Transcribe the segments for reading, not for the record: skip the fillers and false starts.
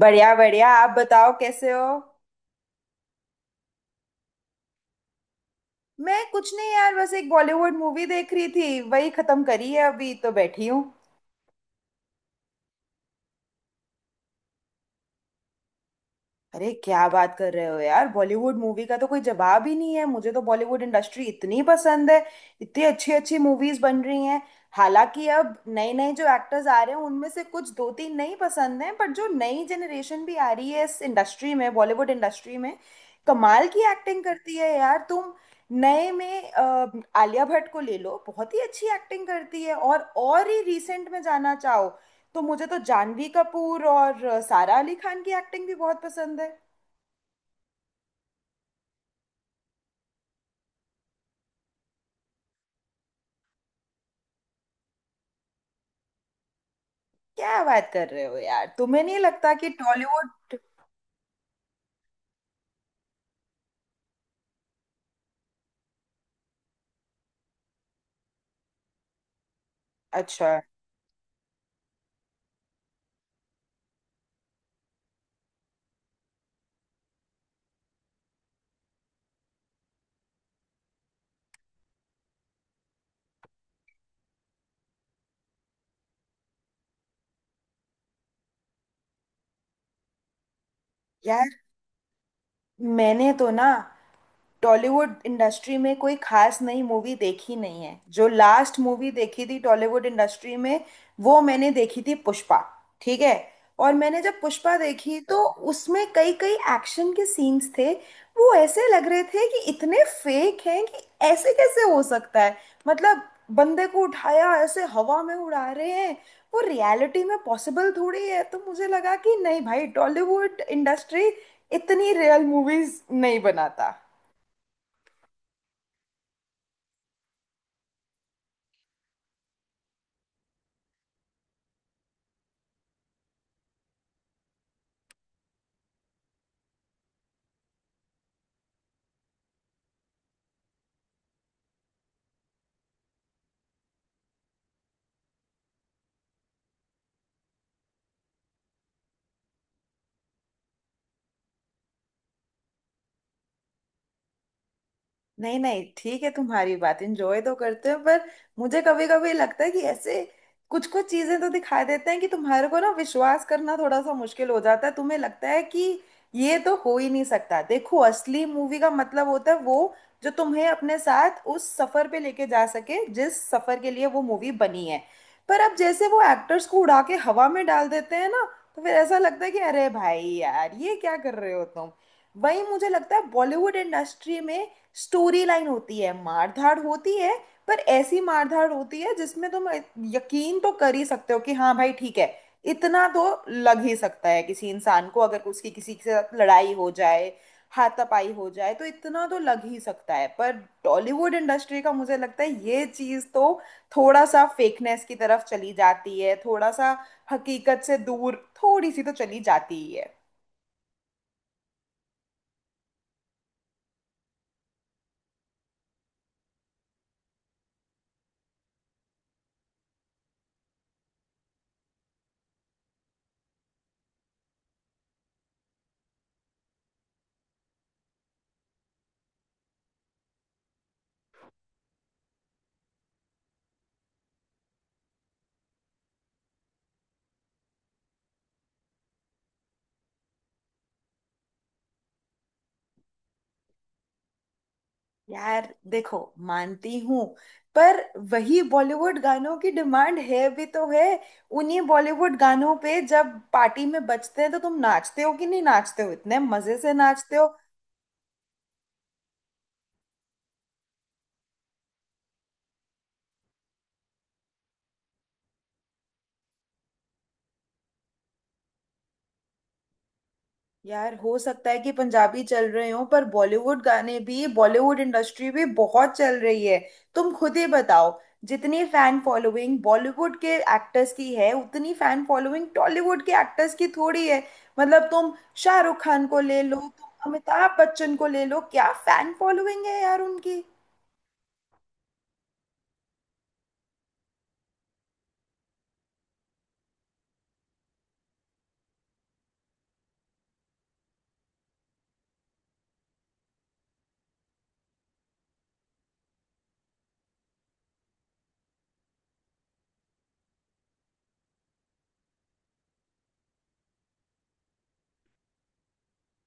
बढ़िया बढ़िया, आप बताओ कैसे हो। मैं कुछ नहीं यार, बस एक बॉलीवुड मूवी देख रही थी, वही खत्म करी है, अभी तो बैठी हूँ। अरे क्या बात कर रहे हो यार, बॉलीवुड मूवी का तो कोई जवाब ही नहीं है। मुझे तो बॉलीवुड इंडस्ट्री इतनी पसंद है। इतनी अच्छी अच्छी मूवीज बन रही हैं। हालांकि अब नए नए जो एक्टर्स आ रहे हैं उनमें से कुछ दो तीन नहीं पसंद हैं, बट जो नई जनरेशन भी आ रही है इस इंडस्ट्री में, बॉलीवुड इंडस्ट्री में, कमाल की एक्टिंग करती है यार तुम। नए में आलिया भट्ट को ले लो, बहुत ही अच्छी एक्टिंग करती है। और ही रिसेंट में जाना चाहो तो मुझे तो जानवी कपूर और सारा अली खान की एक्टिंग भी बहुत पसंद है। क्या बात कर रहे हो यार, तुम्हें नहीं लगता कि टॉलीवुड। अच्छा। यार मैंने तो ना टॉलीवुड इंडस्ट्री में कोई खास नई मूवी देखी नहीं है। जो लास्ट मूवी देखी थी टॉलीवुड इंडस्ट्री में, वो मैंने देखी थी पुष्पा। ठीक है। और मैंने जब पुष्पा देखी तो उसमें कई कई एक्शन के सीन्स थे, वो ऐसे लग रहे थे कि इतने फेक हैं कि ऐसे कैसे हो सकता है। मतलब बंदे को उठाया, ऐसे हवा में उड़ा रहे हैं। वो रियलिटी में पॉसिबल थोड़ी है, तो मुझे लगा कि नहीं भाई, टॉलीवुड इंडस्ट्री इतनी रियल मूवीज नहीं बनाता। नहीं नहीं, ठीक है, तुम्हारी बात एंजॉय तो करते हो, पर मुझे कभी कभी लगता है कि ऐसे कुछ कुछ चीजें तो दिखा देते हैं कि तुम्हारे को ना विश्वास करना थोड़ा सा मुश्किल हो जाता है। तुम्हें लगता है कि ये तो हो ही नहीं सकता। देखो असली मूवी का मतलब होता है वो जो तुम्हें अपने साथ उस सफर पे लेके जा सके जिस सफर के लिए वो मूवी बनी है। पर अब जैसे वो एक्टर्स को उड़ा के हवा में डाल देते हैं ना, तो फिर ऐसा लगता है कि अरे भाई यार, ये क्या कर रहे हो तुम। वही मुझे लगता है बॉलीवुड इंडस्ट्री में स्टोरी लाइन होती है, मारधाड़ होती है, पर ऐसी मारधाड़ होती है जिसमें तुम यकीन तो कर ही सकते हो कि हाँ भाई ठीक है, इतना तो लग ही सकता है किसी इंसान को। अगर उसकी किसी के साथ लड़ाई हो जाए, हाथापाई हो जाए तो इतना तो लग ही सकता है। पर टॉलीवुड इंडस्ट्री का मुझे लगता है ये चीज़ तो थोड़ा सा फेकनेस की तरफ चली जाती है, थोड़ा सा हकीकत से दूर थोड़ी सी तो चली जाती ही है। यार देखो, मानती हूँ, पर वही बॉलीवुड गानों की डिमांड है भी तो है। उन्हीं बॉलीवुड गानों पे जब पार्टी में बजते हैं तो तुम नाचते हो कि नहीं नाचते हो, इतने मजे से नाचते हो। यार हो सकता है कि पंजाबी चल रहे हो, पर बॉलीवुड गाने भी, बॉलीवुड इंडस्ट्री भी बहुत चल रही है। तुम खुद ही बताओ, जितनी फैन फॉलोइंग बॉलीवुड के एक्टर्स की है उतनी फैन फॉलोइंग टॉलीवुड के एक्टर्स की थोड़ी है। मतलब तुम शाहरुख खान को ले लो, तुम अमिताभ बच्चन को ले लो, क्या फैन फॉलोइंग है यार उनकी।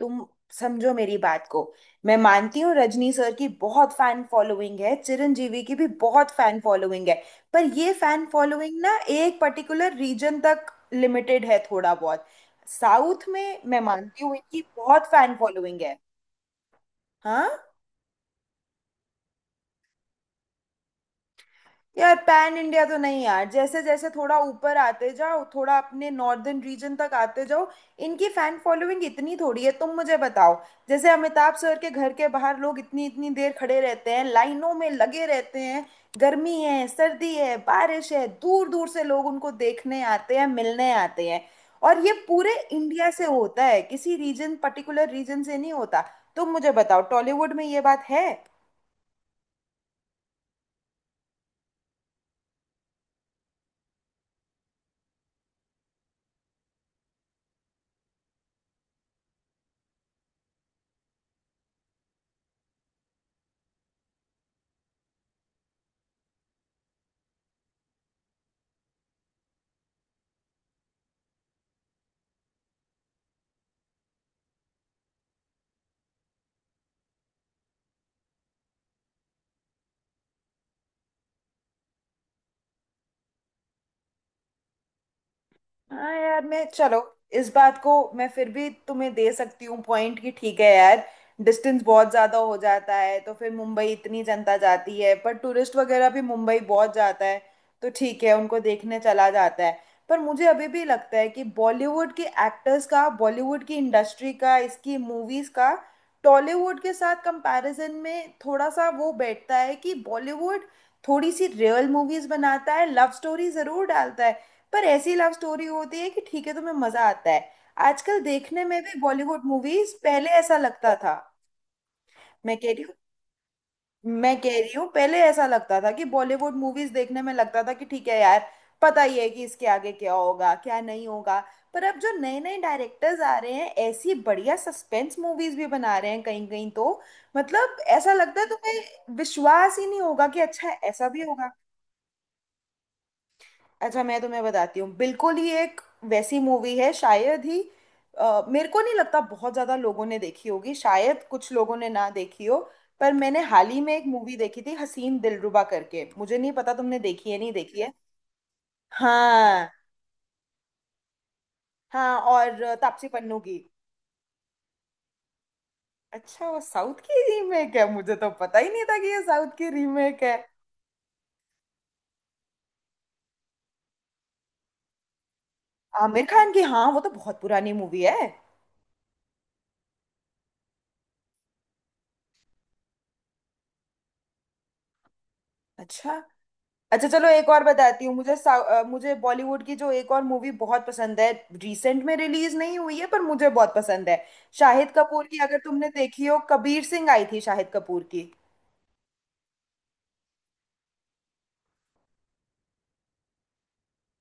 तुम समझो मेरी बात को। मैं मानती हूँ रजनी सर की बहुत फैन फॉलोइंग है, चिरंजीवी की भी बहुत फैन फॉलोइंग है, पर ये फैन फॉलोइंग ना एक पर्टिकुलर रीजन तक लिमिटेड है थोड़ा बहुत। साउथ में मैं मानती हूँ इनकी बहुत फैन फॉलोइंग है। हाँ। यार पैन इंडिया तो नहीं यार, जैसे जैसे थोड़ा ऊपर आते जाओ, थोड़ा अपने नॉर्दर्न रीजन तक आते जाओ, इनकी फैन फॉलोइंग इतनी थोड़ी है। तुम मुझे बताओ, जैसे अमिताभ सर के घर के बाहर लोग इतनी इतनी देर खड़े रहते हैं, लाइनों में लगे रहते हैं, गर्मी है सर्दी है बारिश है, दूर दूर से लोग उनको देखने आते हैं, मिलने आते हैं। और ये पूरे इंडिया से होता है, किसी रीजन पर्टिकुलर रीजन से नहीं होता। तुम मुझे बताओ, टॉलीवुड में ये बात है। हाँ। यार मैं, चलो, इस बात को मैं फिर भी तुम्हें दे सकती हूँ पॉइंट कि ठीक है यार, डिस्टेंस बहुत ज़्यादा हो जाता है, तो फिर मुंबई इतनी जनता जाती है। पर टूरिस्ट वगैरह भी मुंबई बहुत जाता है, तो ठीक है, उनको देखने चला जाता है। पर मुझे अभी भी लगता है कि बॉलीवुड के एक्टर्स का, बॉलीवुड की इंडस्ट्री का, इसकी मूवीज़ का टॉलीवुड के साथ कंपैरिजन में थोड़ा सा वो बैठता है कि बॉलीवुड थोड़ी सी रियल मूवीज़ बनाता है। लव स्टोरी ज़रूर डालता है, पर ऐसी लव स्टोरी होती है कि ठीक है, तुम्हें मजा आता है। आजकल देखने में भी बॉलीवुड मूवीज, पहले ऐसा लगता था। मैं कह रही हूँ। पहले ऐसा लगता था कि बॉलीवुड मूवीज देखने में लगता था कि ठीक है यार, पता ही है कि इसके आगे क्या होगा क्या नहीं होगा। पर अब जो नए नए डायरेक्टर्स आ रहे हैं, ऐसी बढ़िया सस्पेंस मूवीज भी बना रहे हैं कहीं कहीं तो। मतलब ऐसा लगता है तुम्हें विश्वास ही नहीं होगा कि अच्छा ऐसा भी होगा। अच्छा मैं तुम्हें बताती हूँ, बिल्कुल ही एक वैसी मूवी है शायद ही, मेरे को नहीं लगता बहुत ज्यादा लोगों ने देखी होगी, शायद कुछ लोगों ने ना देखी हो। पर मैंने हाल ही में एक मूवी देखी थी हसीन दिलरुबा करके, मुझे नहीं पता तुमने देखी है नहीं देखी है। हाँ। हाँ, और तापसी पन्नू की। अच्छा, वो साउथ की रीमेक है, मुझे तो पता ही नहीं था कि ये साउथ की रीमेक है। आमिर खान की, हाँ, वो तो बहुत पुरानी मूवी है। अच्छा। अच्छा चलो एक और बताती हूँ, मुझे मुझे बॉलीवुड की जो एक और मूवी बहुत पसंद है, रिसेंट में रिलीज नहीं हुई है पर मुझे बहुत पसंद है, शाहिद कपूर की, अगर तुमने देखी हो, कबीर सिंह आई थी शाहिद कपूर की।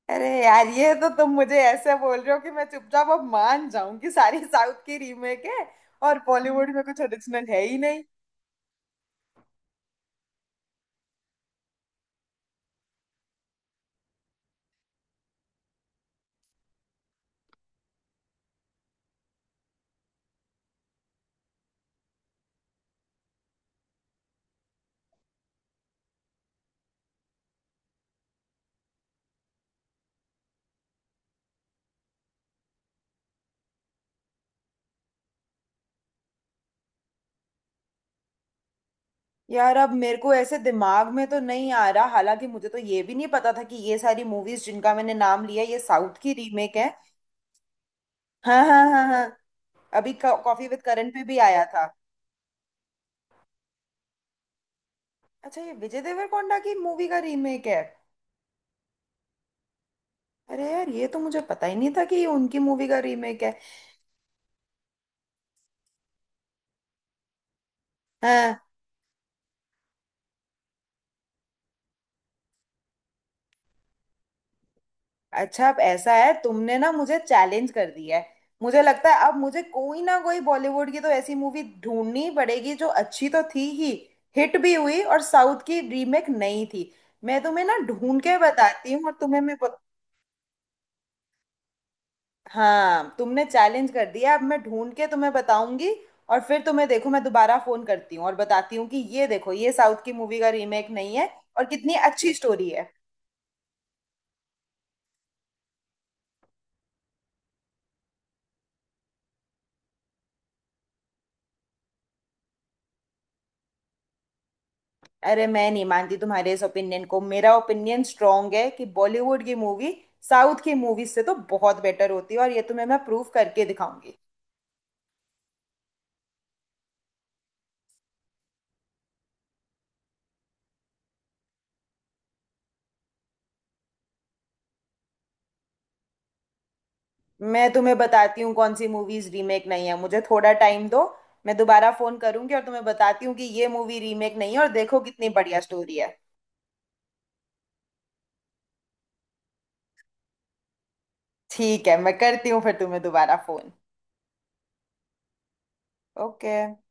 अरे यार, ये तो तुम मुझे ऐसे बोल रहे हो कि मैं चुपचाप अब मान जाऊं कि सारी साउथ की रीमेक है और बॉलीवुड में कुछ ओरिजिनल है ही नहीं। यार अब मेरे को ऐसे दिमाग में तो नहीं आ रहा, हालांकि मुझे तो ये भी नहीं पता था कि ये सारी मूवीज जिनका मैंने नाम लिया ये साउथ की रीमेक है। हाँ हाँ हाँ हाँ, अभी कॉफी विद करण पे भी आया था। अच्छा, ये विजय देवरकोंडा की मूवी का रीमेक है। अरे यार, ये तो मुझे पता ही नहीं था कि ये उनकी मूवी का रीमेक है। हाँ। अच्छा अब ऐसा है, तुमने ना मुझे चैलेंज कर दिया है। मुझे लगता है अब मुझे कोई ना कोई बॉलीवुड की तो ऐसी मूवी ढूंढनी ही पड़ेगी जो अच्छी तो थी ही, हिट भी हुई और साउथ की रीमेक नहीं थी। मैं तुम्हें ना ढूंढ के बताती हूँ और तुम्हें मैं, हाँ तुमने चैलेंज कर दिया, अब मैं ढूंढ के तुम्हें बताऊंगी। और फिर तुम्हें देखो, मैं दोबारा फोन करती हूँ और बताती हूँ कि ये देखो, ये साउथ की मूवी का रीमेक नहीं है और कितनी अच्छी स्टोरी है। अरे मैं नहीं मानती तुम्हारे इस ओपिनियन को, मेरा ओपिनियन स्ट्रांग है कि बॉलीवुड की मूवी साउथ की मूवी से तो बहुत बेटर होती है और ये तुम्हें मैं प्रूव करके दिखाऊंगी। मैं तुम्हें बताती हूँ कौन सी मूवीज रीमेक नहीं है, मुझे थोड़ा टाइम दो। मैं दोबारा फोन करूंगी और तुम्हें बताती हूँ कि ये मूवी रीमेक नहीं है और देखो कितनी बढ़िया स्टोरी है। ठीक है, मैं करती हूँ फिर तुम्हें दोबारा फोन। ओके।